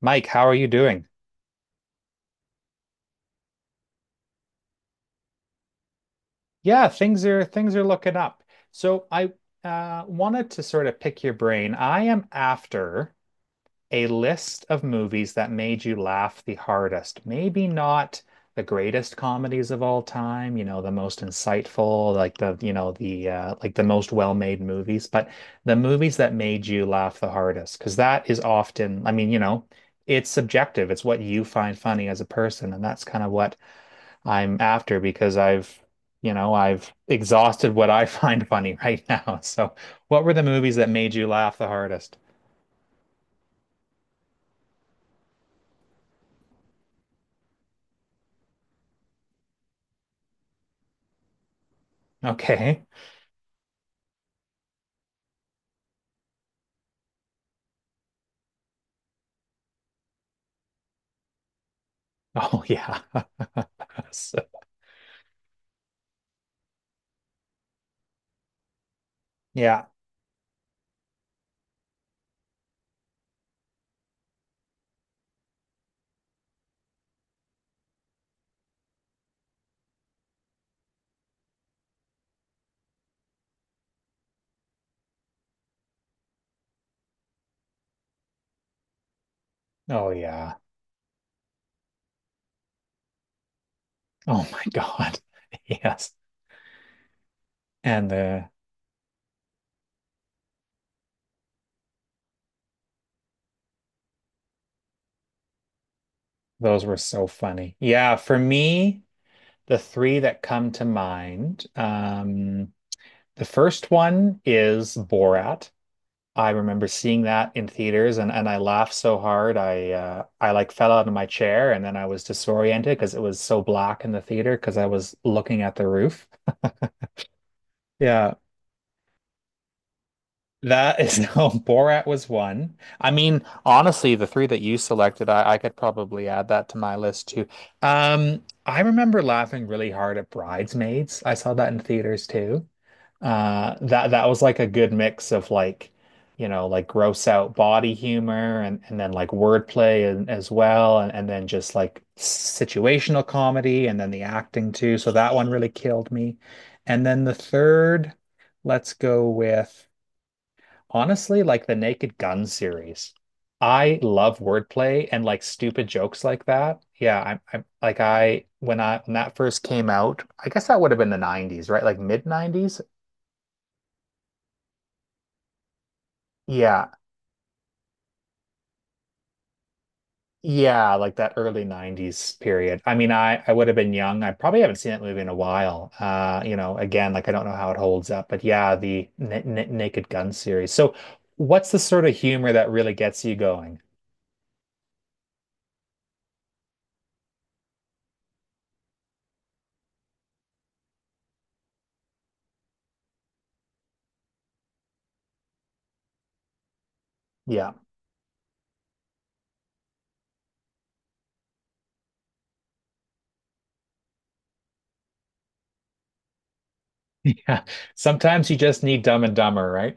Mike, how are you doing? Yeah, things are looking up. So I wanted to sort of pick your brain. I am after a list of movies that made you laugh the hardest. Maybe not the greatest comedies of all time, you know, the most insightful, like the, you know, the like the most well-made movies, but the movies that made you laugh the hardest, because that is often, I mean, you know, it's subjective. It's what you find funny as a person, and that's kind of what I'm after because I've exhausted what I find funny right now. So, what were the movies that made you laugh the hardest? Okay. Oh, yeah. So, yeah. Oh, yeah. Oh, my God. Yes. And the, those were so funny. Yeah. For me, the three that come to mind, the first one is Borat. I remember seeing that in theaters and I laughed so hard I like fell out of my chair and then I was disoriented because it was so black in the theater because I was looking at the roof. Yeah, that is no Borat was one. I mean, honestly, the three that you selected, I could probably add that to my list too. I remember laughing really hard at Bridesmaids. I saw that in theaters too. That that was like a good mix of like, you know, like gross out body humor and then like wordplay and as well, and then just like situational comedy and then the acting too. So that one really killed me. And then the third, let's go with honestly like the Naked Gun series. I love wordplay and like stupid jokes like that. Yeah, I'm like I when that first came out, I guess that would have been the 90s, right? Like mid 90s. Yeah, Yeah, like that early 90s period. I mean, I would have been young. I probably haven't seen that movie in a while. You know, again, like I don't know how it holds up, but yeah, the N N Naked Gun series. So, what's the sort of humor that really gets you going? Yeah. Yeah. Sometimes you just need Dumb and Dumber, right?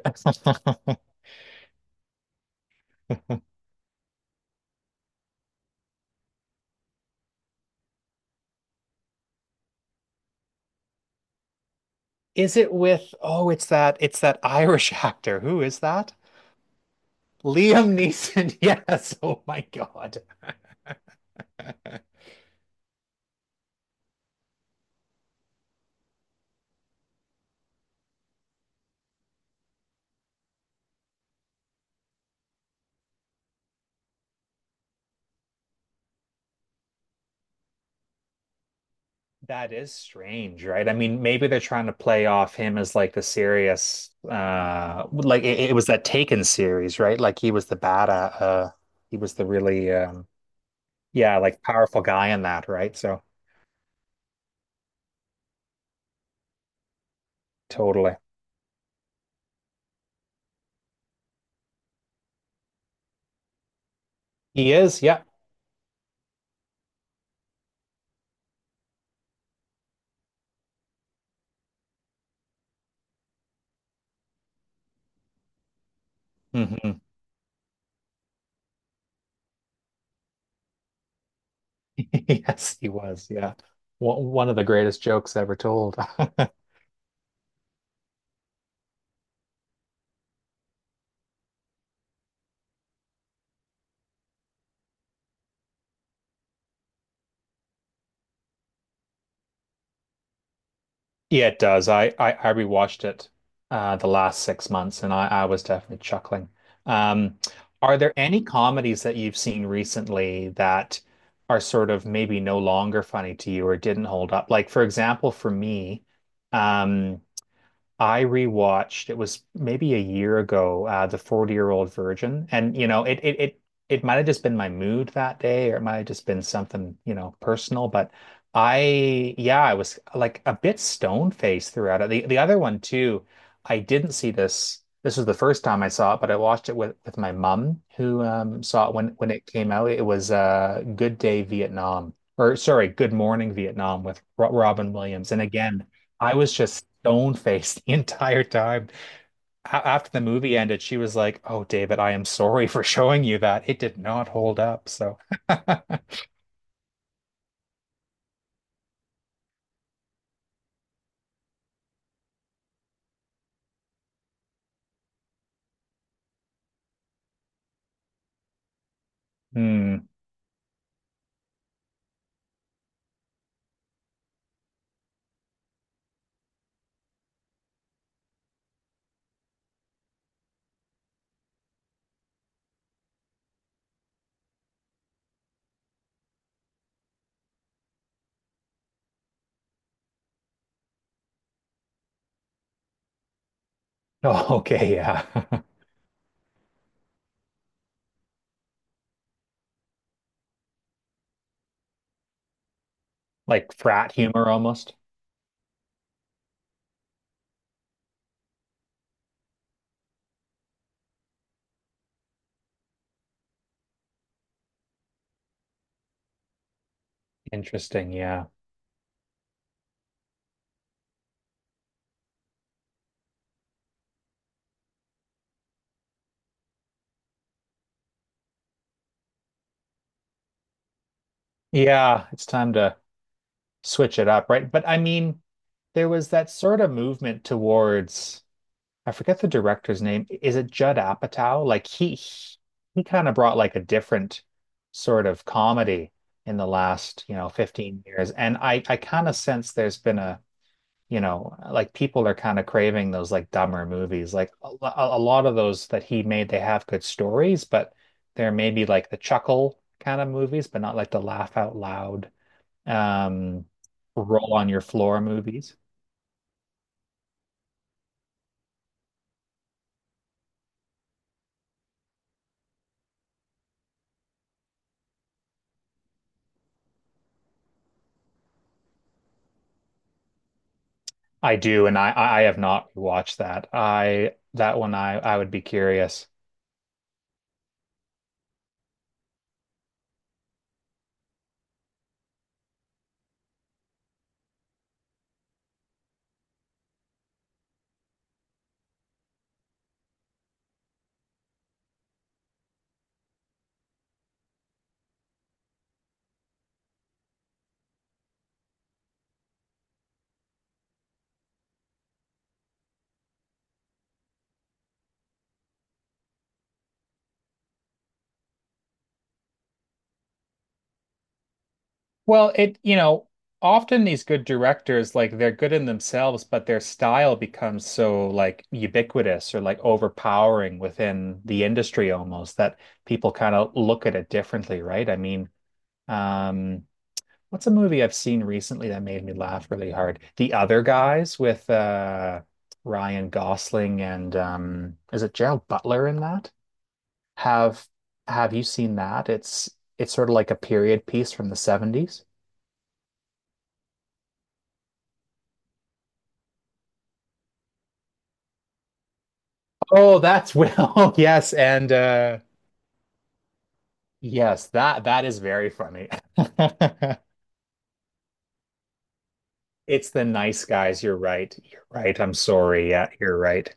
Is it with, oh, it's that Irish actor. Who is that? Liam Neeson. Yes. Oh my God. That is strange, right? I mean, maybe they're trying to play off him as like the serious, like it was that Taken series, right? Like he was the bad, uh, he was the really, yeah, like powerful guy in that, right? So totally, he is, yeah. Hmm. Yes, he was, yeah. One of the greatest jokes ever told. Yeah, it does. I rewatched it the last 6 months and I was definitely chuckling. Um, are there any comedies that you've seen recently that are sort of maybe no longer funny to you or didn't hold up? Like for example, for me, um I rewatched, it was maybe a year ago, The 40-Year-Old Virgin. And, you know, it might have just been my mood that day, or it might have just been something, you know, personal. But I, yeah, I was like a bit stone-faced throughout it. The other one too, I didn't see this. This was the first time I saw it, but I watched it with my mum who saw it when it came out. It was Good Day Vietnam. Or sorry, Good Morning Vietnam with Ro Robin Williams. And again, I was just stone faced the entire time. After the movie ended, she was like, "Oh, David, I am sorry for showing you that. It did not hold up." So, hmm. Oh, okay, yeah, like frat humor almost. Interesting, yeah, yeah. It's time to switch it up, right? But I mean, there was that sort of movement towards. I forget the director's name. Is it Judd Apatow? Like he kind of brought like a different sort of comedy in the last, you know, 15 years. And I kind of sense there's been a, you know, like people are kind of craving those like dumber movies. Like a lot of those that he made, they have good stories, but they're maybe like the chuckle kind of movies, but not like the laugh out loud, um, roll on your floor movies. I do, and I have not watched that. I That one I would be curious. Well, it you know, often these good directors like they're good in themselves, but their style becomes so like ubiquitous or like overpowering within the industry almost that people kind of look at it differently, right? I mean, um, what's a movie I've seen recently that made me laugh really hard? The Other Guys with Ryan Gosling and is it Gerald Butler in that? Have have you seen that? It's sort of like a period piece from the 70s. Oh, that's Will. Yes, and yes, that that is very funny. It's the nice guys, you're right. You're right. I'm sorry. Yeah, you're right.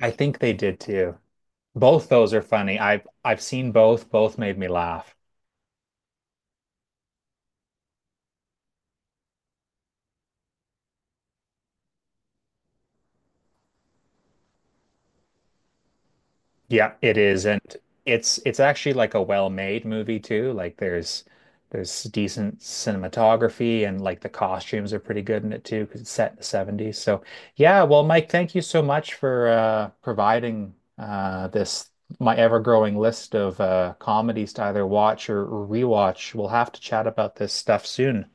I think they did too. Both those are funny. I've seen both. Both made me laugh. Yeah, it is, and it's actually like a well-made movie too. Like there's decent cinematography and like the costumes are pretty good in it too because it's set in the 70s. So yeah, well, Mike, thank you so much for providing this my ever-growing list of comedies to either watch or rewatch. We'll have to chat about this stuff soon.